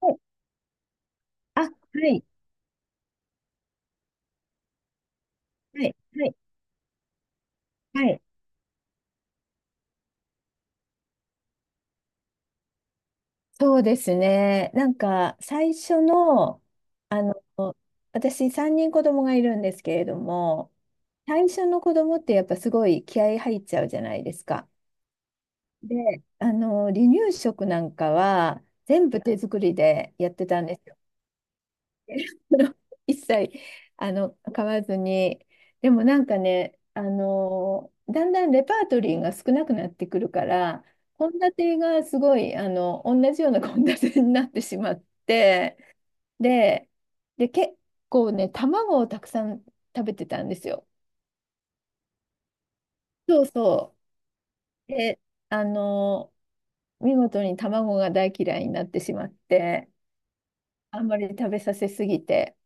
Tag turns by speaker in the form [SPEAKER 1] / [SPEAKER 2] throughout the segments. [SPEAKER 1] はいあ、はい、はい、はい、はい。そうですね。なんか、最初の、あの、私、3人子供がいるんですけれども、最初の子供ってやっぱすごい気合い入っちゃうじゃないですか。で、離乳食なんかは、全部手作りでやってたんですよ。それを一切、買わずに。でもなんかね、だんだんレパートリーが少なくなってくるから、献立がすごい、同じような献立になってしまって、で、で、結構ね、卵をたくさん食べてたんですよ。そうそう。で、あの、見事に卵が大嫌いになってしまって、あんまり食べさせすぎて。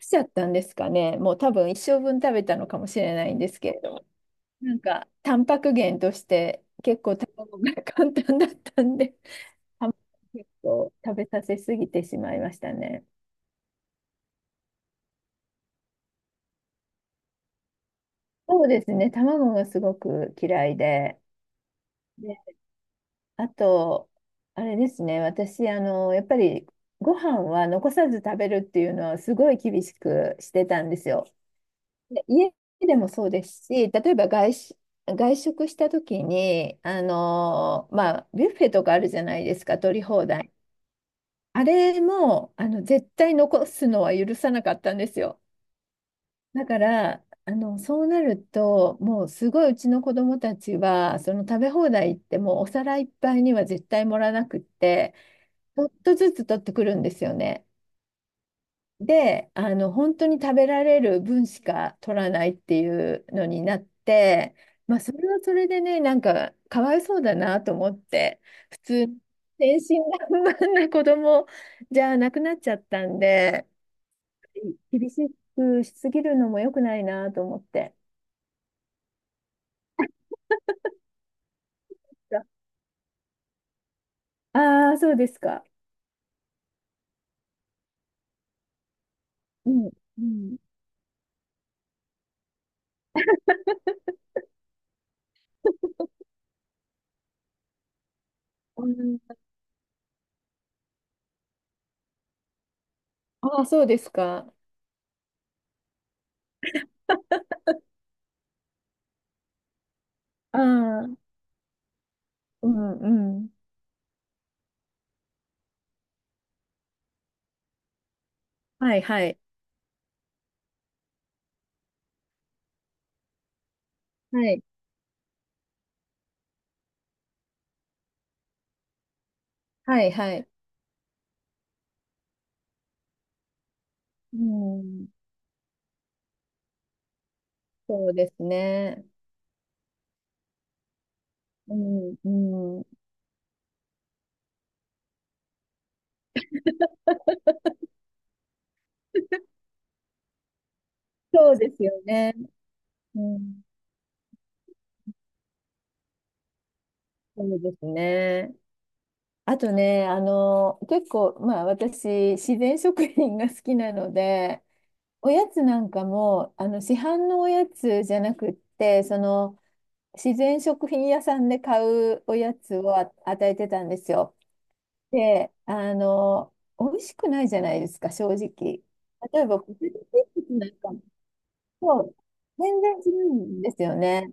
[SPEAKER 1] しちゃったんですかね。もう多分一生分食べたのかもしれないんですけれども、なんかタンパク源として結構卵が 簡単だったんで、卵結構食べさせすぎてしまいましたね。そうですね、卵がすごく嫌いで、で、あと、あれですね、私、やっぱりご飯は残さず食べるっていうのはすごい厳しくしてたんですよ。で家でもそうですし、例えば外食した時に、まあ、ビュッフェとかあるじゃないですか、取り放題。あれも、絶対残すのは許さなかったんですよ。だから、そうなると、もうすごいうちの子供たちは、その食べ放題行ってもうお皿いっぱいには絶対盛らなくって、ちょっとずつ取ってくるんですよね。で、本当に食べられる分しか取らないっていうのになって、まあ、それはそれでね、なんか、かわいそうだなと思って、普通、天真爛漫な子供じゃなくなっちゃったんで、厳しくしすぎるのも良くないなと思って。ああ、そうですか。うん、うん。うんああ、そうですか。ああ、うん、うん。はい、はい。はい、はい、はい。うん。そうですね。うん、うん。そうですよね。うん、そうですね。あとね、結構、まあ私、自然食品が好きなので、おやつなんかも、市販のおやつじゃなくって、その、自然食品屋さんで買うおやつを与えてたんですよ。で、美味しくないじゃないですか、正直。例えば、ポテトチップスなんかもそう、全然違うんですよね。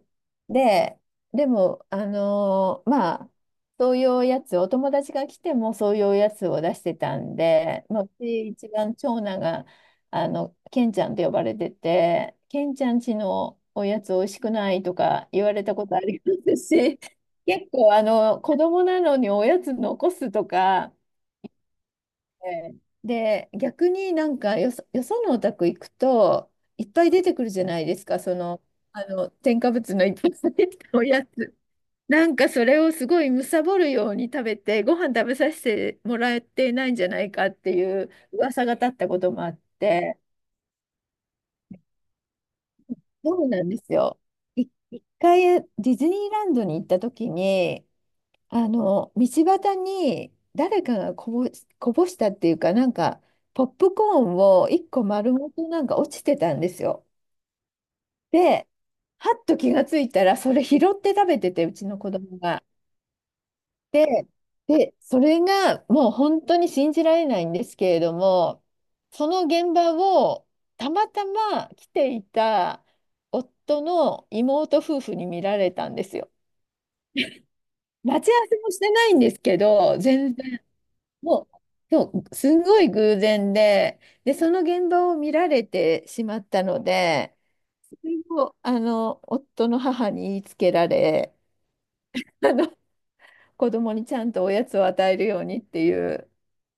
[SPEAKER 1] で、でも、まあ、そういうおやつ、お友達が来てもそういうおやつを出してたんで、まあ、うち一番長男が、ケンちゃんと呼ばれてて、ケンちゃんちのおやつおいしくないとか言われたことありますし、結構、子供なのにおやつ残すとか、ええで、逆になんかよそ、よそのお宅行くと、いっぱい出てくるじゃないですか、その、添加物のいっぱい入ったおやつ。なんかそれをすごい貪るように食べて、ご飯食べさせてもらえてないんじゃないかっていう噂が立ったこともあって、そうなんですよ。い一回ディズニーランドに行った時に、道端に誰かがこぼしたっていうか、なんか、ポップコーンを一個丸ごとなんか落ちてたんですよ。で、はっと気がついたら、それ拾って食べてて、うちの子供が。で、で、それがもう本当に信じられないんですけれども、その現場をたまたま来ていた夫の妹夫婦に見られたんですよ。待ち合わせもしてないんですけど、もう、そう、すんごい偶然で、で、その現場を見られてしまったので、それを、夫の母に言いつけられ、あの、子供にちゃんとおやつを与えるようにっていう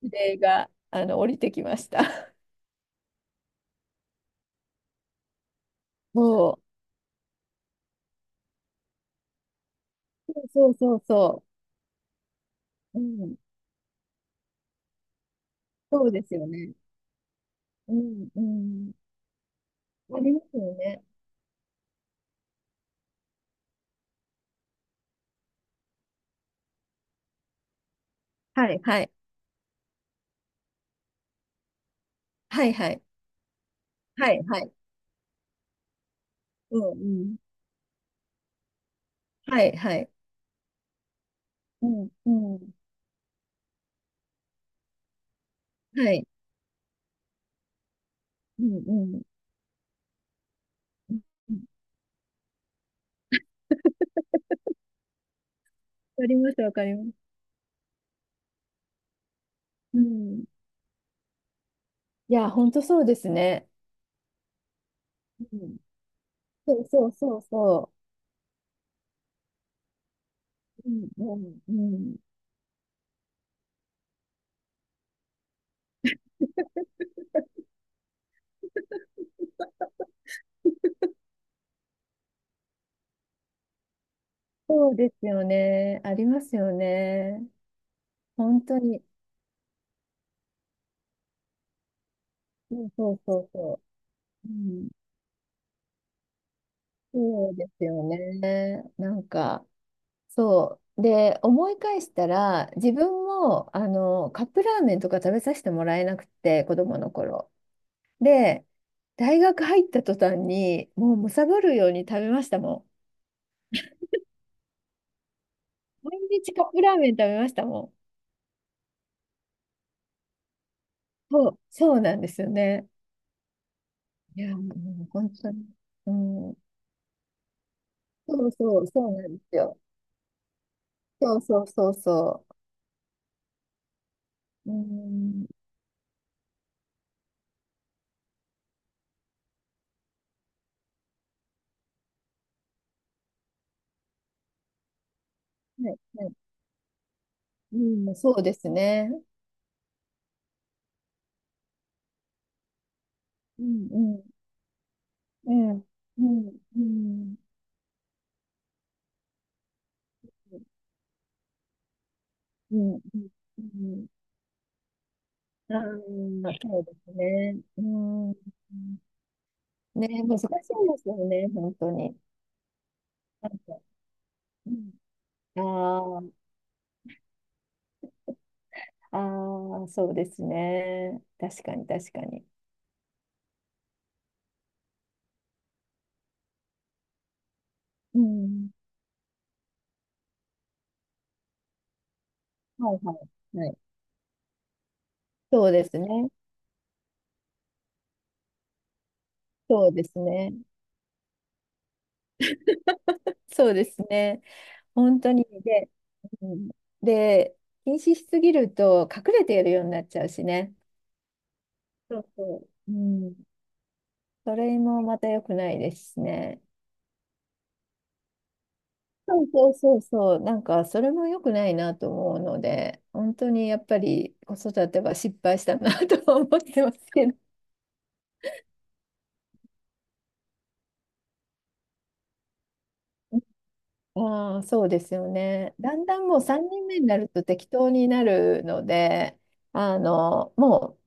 [SPEAKER 1] 指令が、降りてきました。そう、そうそうそう、うん、そうですよね。うん、うん。ありますよね。はい、はい、はい、はい、はい、はい、うん、うん、はい、はい、うん、うん、はい、うん、うん。うんわかります、わかります。うん。いや、本当そうですね。うん。そうそうそうそう。うん。うん、うん、そうですよね。ありますよね。本当に。うんそうそうそう。うん、そうですよね。なんか、そう。で、思い返したら、自分も、カップラーメンとか食べさせてもらえなくて、子供の頃。で、大学入った途端に、もう貪るように食べましたもん。毎日カップラーメン食べましたもん。そう、そうなんですよね。いや、もう本当に。うん。そうそう、そうなんですよ。そうそうそうそう。うん。はい、はい。うん、そうですね。うん、うん、うん、うん、うん、うん、うん。ああー、そうですね。うん。ね、難しいですよね、本当に。なんか、うん、ああ、ああ、そうですね。確かに、確かに。うん。はいはい。はい。そうですね。そうですね。そうですね。本当に。で、うん、で、禁止しすぎると隠れてやるようになっちゃうしね。そうそう。うん。それもまた良くないですしね。そうそうそうそう。なんか、それも良くないなと思うので、本当にやっぱり子育ては失敗したなとは思ってますけど。ああ、そうですよね。だんだんもう3人目になると適当になるので、も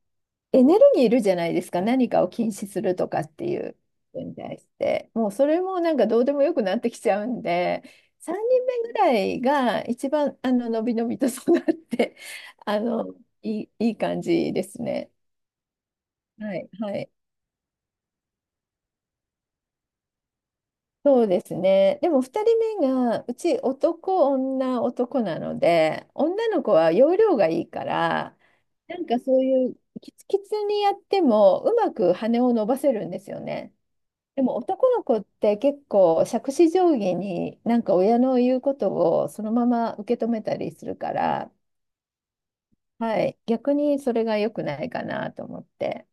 [SPEAKER 1] うエネルギーいるじゃないですか。何かを禁止するとかっていうことに対して。もうそれもなんかどうでもよくなってきちゃうんで、3人目ぐらいが一番、のびのびと育って、あの、いい、いい感じですね。はい、はい。そうですね。でも2人目がうち男女男なので女の子は容量がいいからなんかそういうキツキツにやってもうまく羽を伸ばせるんですよね。でも男の子って結構杓子定規になんか親の言うことをそのまま受け止めたりするから、はい、逆にそれが良くないかなと思って。